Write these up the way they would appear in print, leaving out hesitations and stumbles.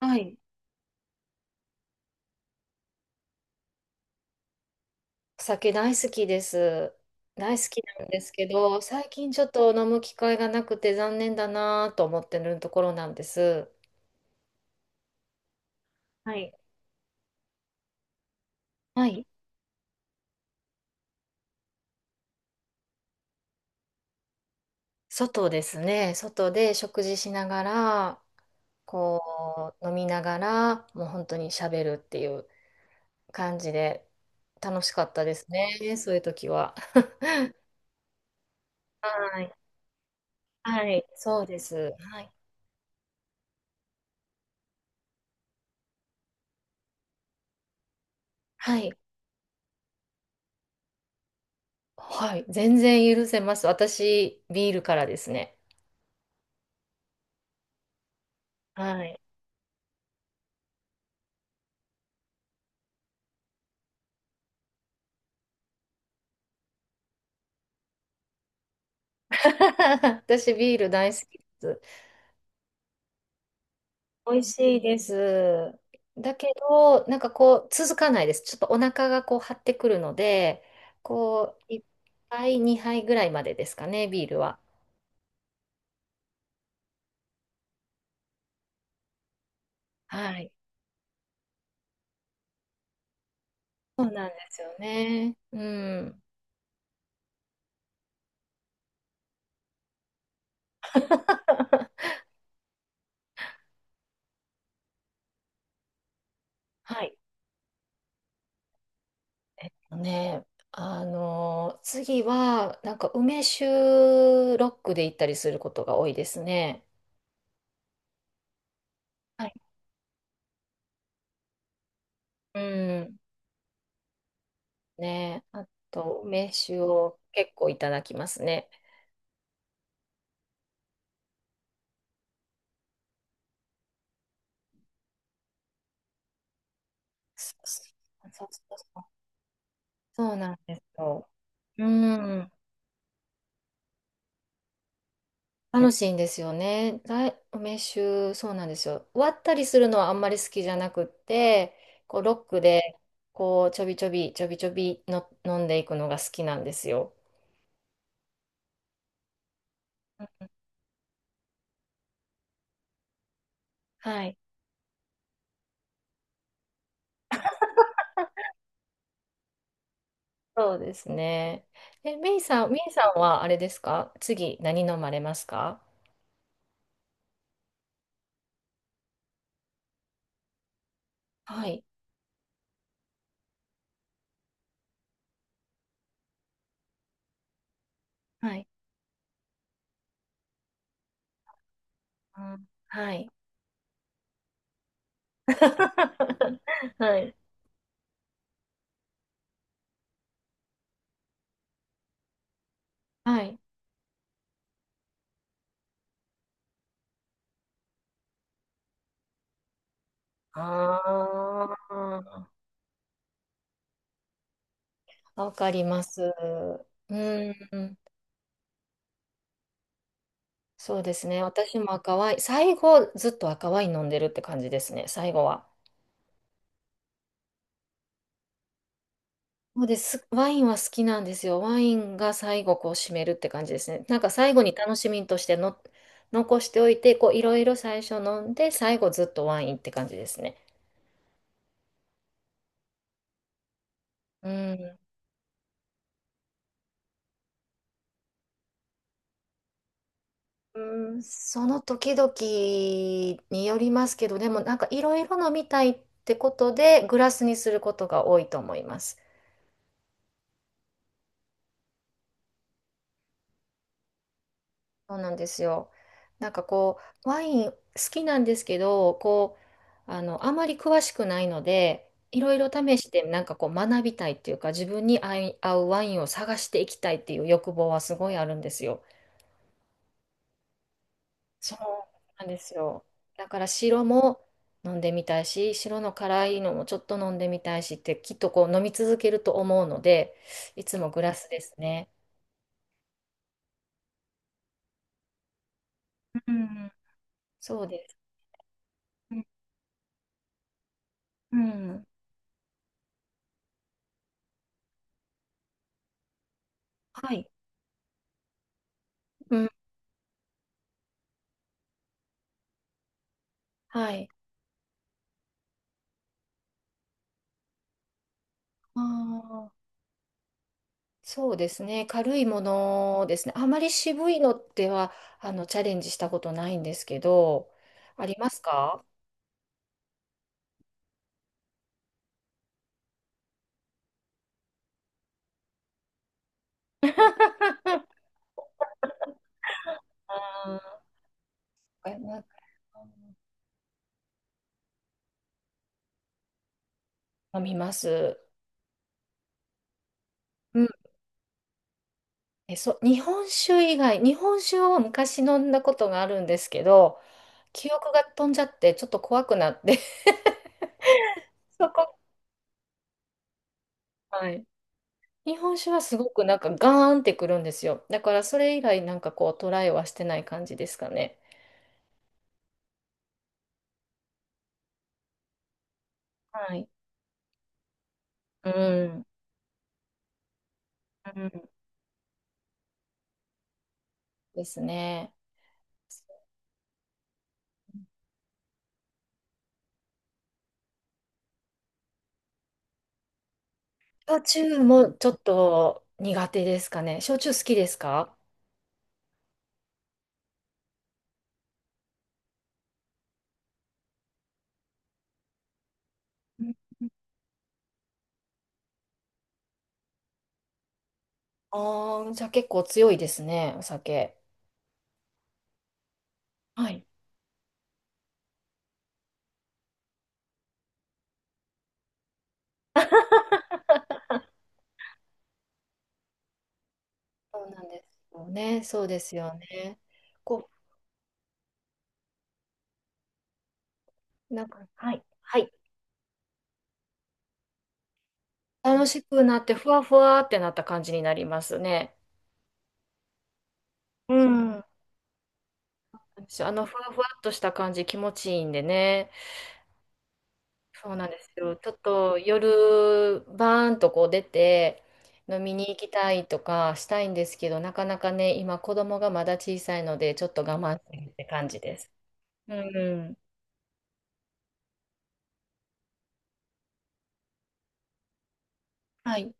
はい。お酒大好きです。大好きなんですけど、最近ちょっと飲む機会がなくて残念だなと思ってるところなんです。はい。はい。外ですね。外で食事しながら、こう、飲みながら、もう本当に喋るっていう感じで、楽しかったですね。そういう時は。はい。はい。そうです。はい。はい。はい。全然許せます。私、ビールからですね。はい。私ビール大好きです。美味しいです。だけど、なんかこう、続かないです。ちょっとお腹がこう張ってくるので、こう、1杯、2杯ぐらいまでですかね、ビールは。はい。そうなんですよね。うん。はい。えっとね、あの次は、なんか梅酒ロックで行ったりすることが多いですね。はい。うん。ね。あと、梅酒を結構いただきますね。そうそうそうそう、そうなんですよ。うん。楽しいんですよね。梅酒、そうなんですよ。割ったりするのはあんまり好きじゃなくって、こう、ロックで、こう、ちょびちょび、ちょびちょびの飲んでいくのが好きなんですよ。うん、はい。そうですね。え、メイさんはあれですか、次、何飲まれますか？はい。はい。うん、はい。はい。はい。ああ、わかります。うん。そうですね。私も赤ワイン、最後ずっと赤ワイン飲んでるって感じですね。最後は。そうです。ワインは好きなんですよ。ワインが最後こう締めるって感じですね。なんか最後に楽しみとしての残しておいて、こういろいろ最初飲んで、最後ずっとワインって感じですね。うん。うーん、その時々によりますけど、でもなんかいろいろ飲みたいってことでグラスにすることが多いと思います。そうなんですよ。なんかこう、ワイン好きなんですけど、こう、あまり詳しくないので、いろいろ試してなんかこう学びたいっていうか、自分に合うワインを探していきたいっていう欲望はすごいあるんですよ。そうなんですよ。だから白も飲んでみたいし、白の辛いのもちょっと飲んでみたいしって、きっとこう飲み続けると思うので、いつもグラスですね。うん、そうです。うん、うん、はい。うん、はい。ああ、そうですね。軽いものですね。あまり渋いのっては、チャレンジしたことないんですけど、ありますか？ああ、なんか飲みます。え、そう、日本酒以外、日本酒を昔飲んだことがあるんですけど、記憶が飛んじゃって、ちょっと怖くなって そこ、はい。日本酒はすごくなんかガーンってくるんですよ。だからそれ以来なんかこうトライはしてない感じですかね。はい。うん。うん、ですね。焼酎もちょっと苦手ですかね。焼酎好きですか？うん。ああ、じゃあ結構強いですね、お酒。はい。そうなんですよね。そうですよね。こうなんか、はい。はい。楽しくなって、ふわふわってなった感じになりますね。うん。ふわふわっとした感じ気持ちいいんでね。そうなんですよ。ちょっと夜、バーンとこう出て、飲みに行きたいとかしたいんですけど、なかなかね、今子供がまだ小さいので、ちょっと我慢してるって感じです。うん。はい。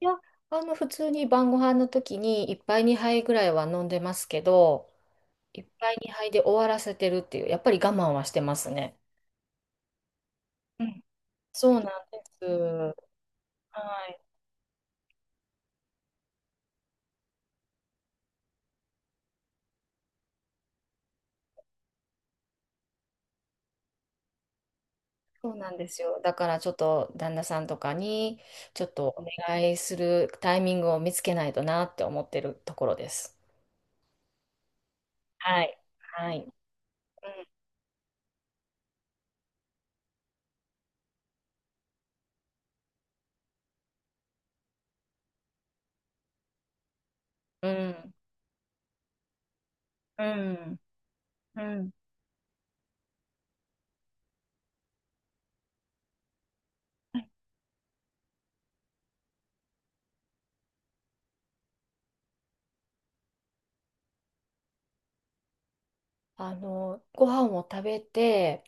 いや、普通に晩ご飯の時に一杯二杯ぐらいは飲んでますけど、いっぱいに2いで終わらせてるっていう、やっぱり我慢はしてますね。うん、そうなんです。はい。そうなんですよ。だからちょっと旦那さんとかにちょっとお願いするタイミングを見つけないとなって思ってるところです。はい。はい。うん。うん。うん。うん、ご飯を食べて、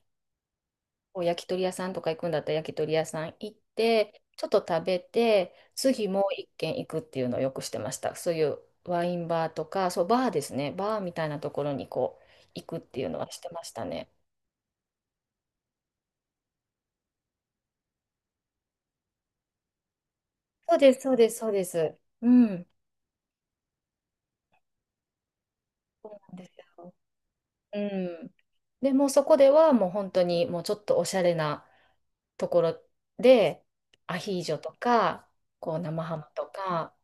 こう焼き鳥屋さんとか行くんだったら焼き鳥屋さん行って、ちょっと食べて、次もう一軒行くっていうのをよくしてました。そういうワインバーとか、そう、バーですね。バーみたいなところにこう、行くっていうのはしてましたね。そうです、そうです、そうです。うん。そうなんですよ。うん。でもうそこではもう本当にもうちょっとおしゃれなところで、アヒージョとか、こう生ハムとか、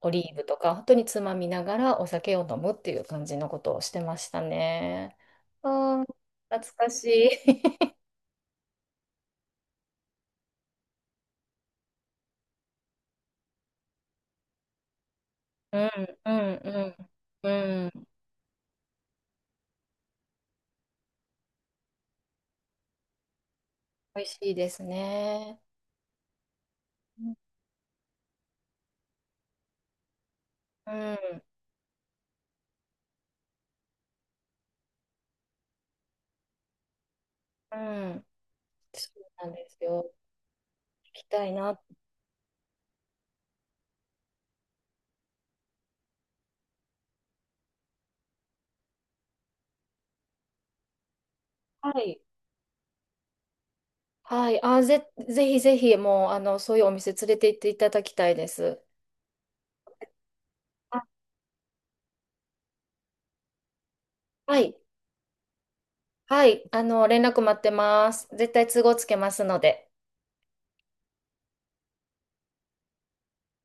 オリーブとか、本当につまみながらお酒を飲むっていう感じのことをしてましたね。ああ、懐かしい。うん、うん、うん、うん。美味しいですね。うん、うん。そうなんですよ。行きたいな。はい。はい。あ、ぜひぜひ、もう、そういうお店連れて行っていただきたいです。あ、はい。はい、連絡待ってます。絶対都合つけますので。